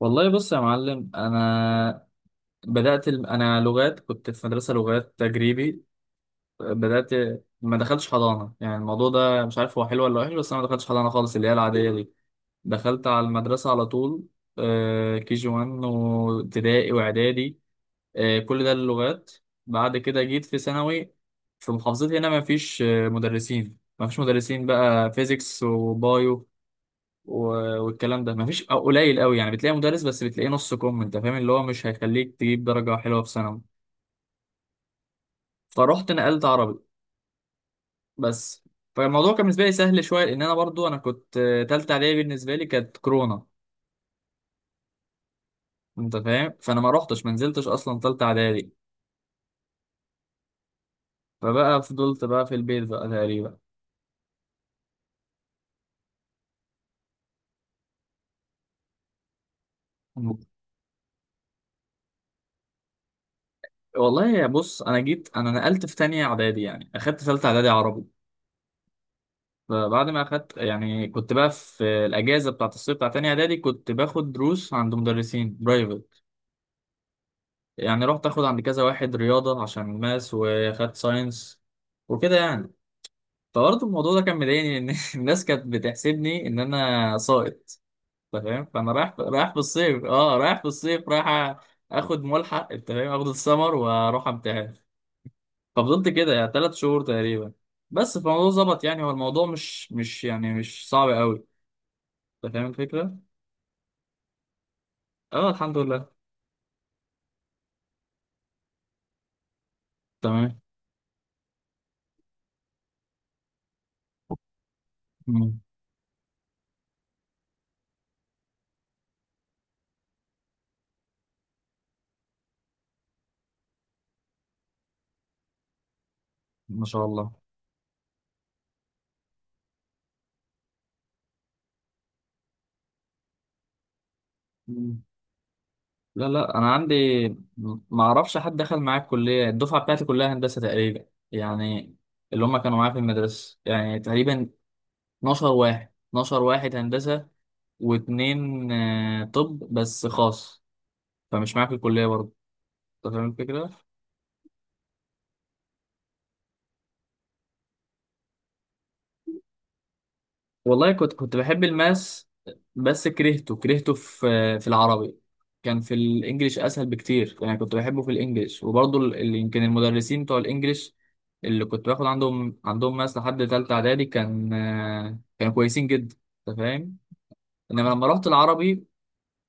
والله، بص يا معلم. انا انا لغات، كنت في مدرسه لغات تجريبي. بدات ما دخلتش حضانه، يعني الموضوع ده مش عارف هو حلو ولا وحش، بس انا ما دخلتش حضانه خالص اللي هي العاديه دي. دخلت على المدرسه على طول، كي جي 1 وابتدائي واعدادي. كل ده اللغات. بعد كده جيت في ثانوي. في محافظتي هنا ما فيش مدرسين، ما فيش مدرسين بقى فيزيكس وبايو والكلام ده مفيش أو قليل قوي، يعني بتلاقي مدرس بس بتلاقيه نص كم، انت فاهم، اللي هو مش هيخليك تجيب درجة حلوة في ثانوي. فرحت نقلت عربي بس. فالموضوع كان بالنسبة لي سهل شوية، لأن أنا برضو أنا كنت، تالتة إعدادي بالنسبة لي كانت كورونا. أنت فاهم، فأنا ما رحتش، ما نزلتش أصلا تالتة إعدادي. فبقى فضلت بقى في البيت بقى تقريبا. والله يا بص، أنا جيت أنا نقلت في تانية إعدادي، يعني أخدت تالتة إعدادي عربي. فبعد ما اخدت، يعني كنت بقى في الاجازه بتاعت الصيف بتاعت تانية اعدادي كنت باخد دروس عند مدرسين برايفت. يعني رحت اخد عند كذا واحد رياضه عشان ماس، واخدت ساينس وكده يعني. فبرضه الموضوع ده كان مضايقني ان الناس كانت بتحسبني ان انا ساقط، انت فاهم، فانا رايح رايح في الصيف، اه رايح في الصيف، رايح اخد ملحق، انت فاهم، اخد السمر واروح امتحن. ففضلت كده يعني ثلاث شهور تقريبا بس. فالموضوع ظبط، يعني هو الموضوع مش يعني مش صعب قوي، انت فاهم الفكره. اه الحمد لله. تمام. مم. ما شاء الله. مم. لا لا، انا عندي، ما اعرفش حد دخل معايا الكليه، الدفعه بتاعتي كلها هندسه تقريبا يعني، اللي هم كانوا معايا في المدرسه يعني، تقريبا 12 واحد، 12 واحد هندسه، واتنين طب بس خاص، فمش معايا في الكليه برضه، انت فاهم الفكره. والله كنت بحب الماس، بس كرهته كرهته في، في العربي. كان في الانجليش اسهل بكتير، يعني كنت بحبه في الانجليش، وبرضه يمكن المدرسين بتوع الانجليش اللي كنت باخد عندهم ماس لحد تالتة اعدادي، كانوا كويسين جدا، انت فاهم. انما لما رحت العربي،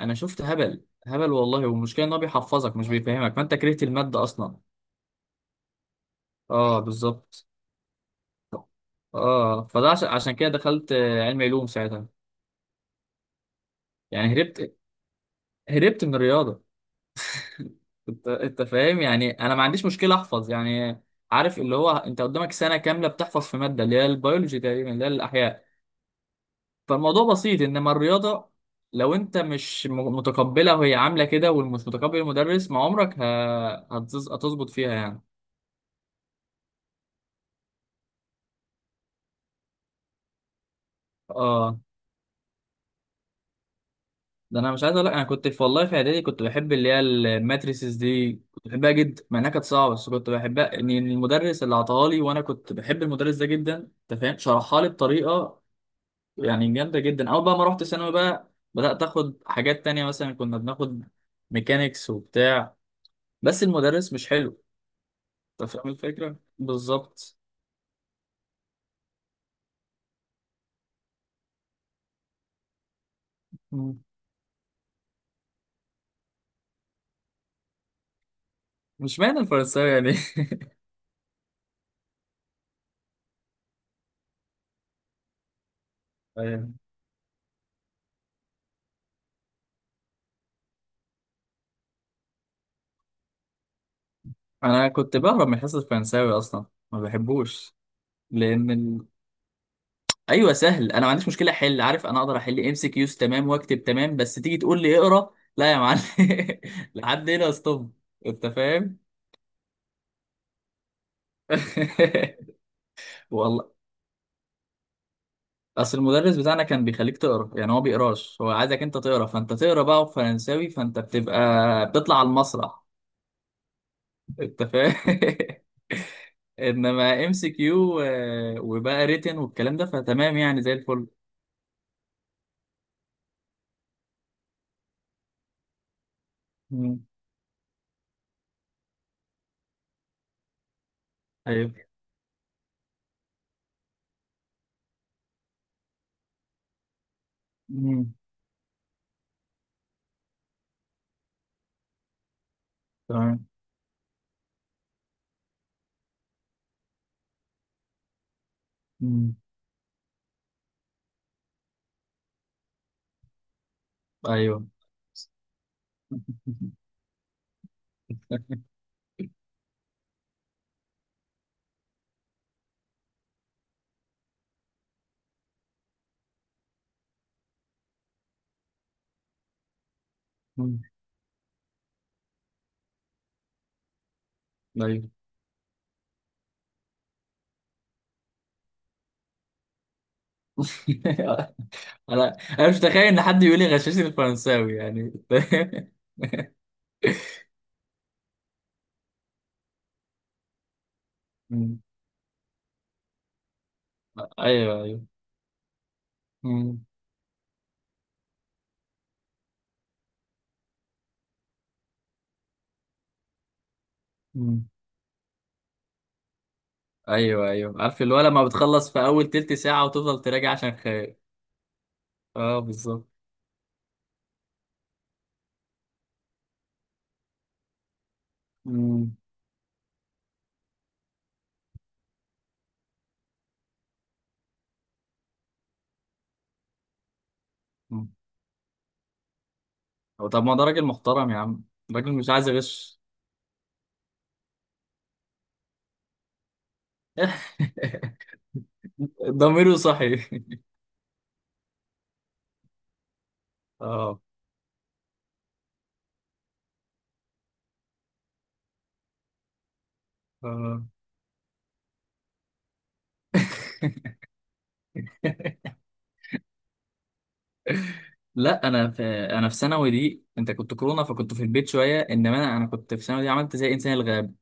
انا شفت هبل هبل والله. والمشكله ان هو بيحفظك مش بيفهمك، فانت كرهت الماده اصلا. اه بالظبط. اه فده عشان كده دخلت، علوم ساعتها. يعني هربت، هربت من الرياضه. انت فاهم، يعني انا ما عنديش مشكله احفظ يعني. عارف اللي هو انت قدامك سنه كامله بتحفظ في ماده، اللي هي البيولوجي تقريبا، اللي هي الاحياء. فالموضوع بسيط، انما الرياضه، لو انت مش متقبلها وهي عامله كده، ومش متقبل المدرس، ما عمرك هتظبط فيها يعني. اه. ده انا مش عايز اقول لك، انا كنت في، والله في اعدادي كنت بحب اللي هي الماتريسز دي، كنت بحبها جدا مع انها كانت صعبه، بس كنت بحبها ان المدرس اللي عطاها لي، وانا كنت بحب المدرس ده جدا، انت فاهم، شرحها لي بطريقه يعني جامدة جدا. أول بقى ما رحت ثانوي بقى، بدأت آخد حاجات تانية، مثلا كنا بناخد ميكانيكس وبتاع، بس المدرس مش حلو. أنت فاهم الفكرة؟ بالظبط. مم. مش معنى الفرنساوي يعني أيوة. أنا كنت بهرب من حصة الفرنساوي أصلا، ما بحبوش. لأن ال... أيوه سهل. أنا ما عنديش مشكلة أحل، عارف، أنا أقدر أحل إم سي كيوز تمام، وأكتب تمام، بس تيجي تقول لي اقرأ، لا يا معلم. لحد هنا ستوب. أنت فاهم؟ والله اصل المدرس بتاعنا كان بيخليك تقرا، يعني هو بيقراش، هو عايزك انت تقرا، فانت تقرا بقى، وفرنساوي فانت بتبقى بتطلع على المسرح، انت فاهم انما ام سي كيو وبقى ريتن والكلام ده فتمام يعني، زي الفل. مم. ايوه. مم. تمام. مم. ايوه. مم. ايوه. انا مش متخيل ان حد يقول لي غشاشي الفرنساوي يعني مم. ايوه ايوه. مم. ايوه ايوه، عارف اللي هو لما بتخلص في اول تلت ساعه، وتفضل تراجع عشان خايف. اه بالظبط. مم. مم. هو طب ما ده راجل محترم يا عم، راجل مش عايز يغش ضميره صحي. اه. اه لا، انا في ثانوي دي، انت كنت كورونا فكنت في البيت شويه، انما انا كنت في ثانوي دي عملت زي انسان الغاب،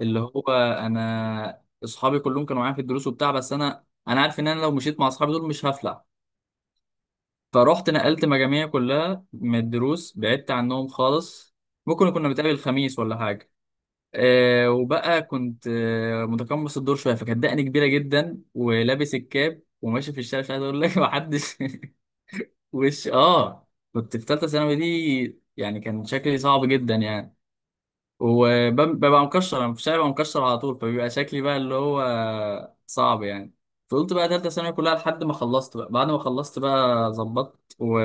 اللي هو، انا اصحابي كلهم كانوا معايا في الدروس وبتاع، بس انا عارف ان انا لو مشيت مع اصحابي دول مش هفلح. فروحت نقلت مجاميع، كلها من الدروس، بعدت عنهم خالص، ممكن كنا بنتقابل الخميس ولا حاجة. وبقى كنت متقمص الدور شوية، فكانت دقني كبيرة جدا، ولابس الكاب وماشي في الشارع، مش عايز أقول لك محدش. وش كنت في تالتة ثانوي دي، يعني كان شكلي صعب جدا يعني، وببقى مكشر أنا في الشارع، ببقى مكشر على طول، فبيبقى شكلي بقى اللي هو صعب يعني. فقلت بقى تالتة ثانوي كلها لحد ما خلصت بقى، بعد ما خلصت بقى ظبطت، و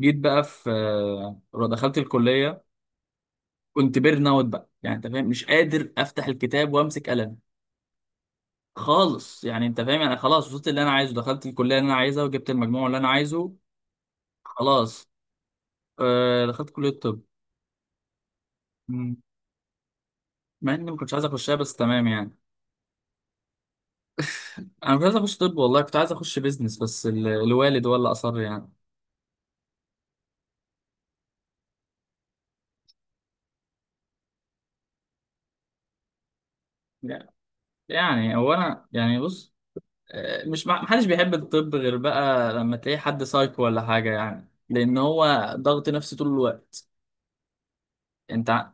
جيت بقى في، دخلت الكليه. كنت بيرن اوت بقى يعني، انت فاهم، مش قادر افتح الكتاب وامسك قلم، خالص يعني. انت فاهم، انا خلاص وصلت اللي انا عايزه، دخلت الكليه اللي انا عايزها، وجبت المجموع اللي انا عايزه، خلاص. دخلت كليه الطب. مم. مع اني ما كنتش عايز اخشها، بس تمام يعني. انا مش عايز اخش طب، والله كنت عايز اخش بيزنس، بس الوالد هو اللي اصر يعني. لا، يعني هو انا يعني بص، مش محدش بيحب الطب غير بقى لما تلاقي حد سايكو ولا حاجه، يعني لان هو ضغط نفسي طول الوقت. انت ع-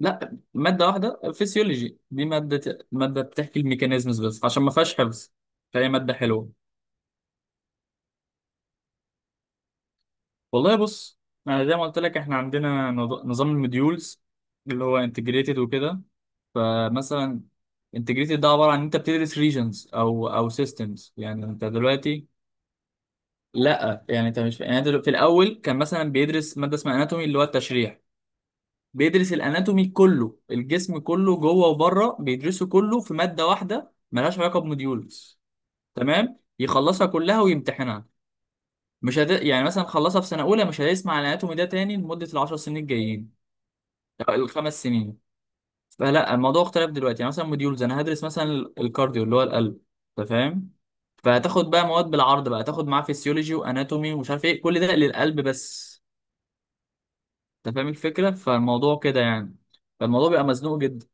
لا، ماده واحده، فيسيولوجي دي، ماده بتحكي الميكانيزمز، بس عشان ما فيهاش حفظ، فهي ماده حلوه. والله بص، انا زي ما قلت لك، احنا عندنا نظام المديولز، اللي هو انتجريتد وكده. فمثلا انتجريتد ده عباره عن انت بتدرس ريجنز او سيستمز، يعني انت دلوقتي، لا يعني، انت مش يعني، انت في الاول كان مثلا بيدرس ماده اسمها اناتومي اللي هو التشريح. بيدرس الاناتومي كله، الجسم كله جوه وبره، بيدرسه كله في ماده واحده ملهاش علاقه بموديولز. تمام، يخلصها كلها ويمتحنها. مش هت... يعني مثلا خلصها في سنه اولى، مش هيسمع عن الاناتومي ده تاني لمده العشر سنين الجايين، أو الخمس سنين. فلا، الموضوع اختلف دلوقتي، يعني مثلا موديولز، انا هدرس مثلا الكارديو اللي هو القلب، انت فاهم. فهتاخد بقى مواد بالعرض بقى، تاخد معاه فيسيولوجي واناتومي، ومش عارف ايه، كل ده للقلب بس، انت فاهم الفكره، فالموضوع كده يعني. فالموضوع بيبقى مزنوق جدا.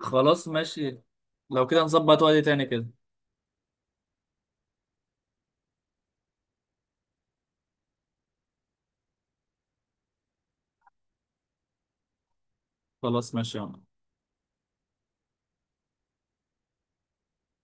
خلاص ماشي. لو كده نظبط وقت تاني كده. خلاص ماشي يا عم.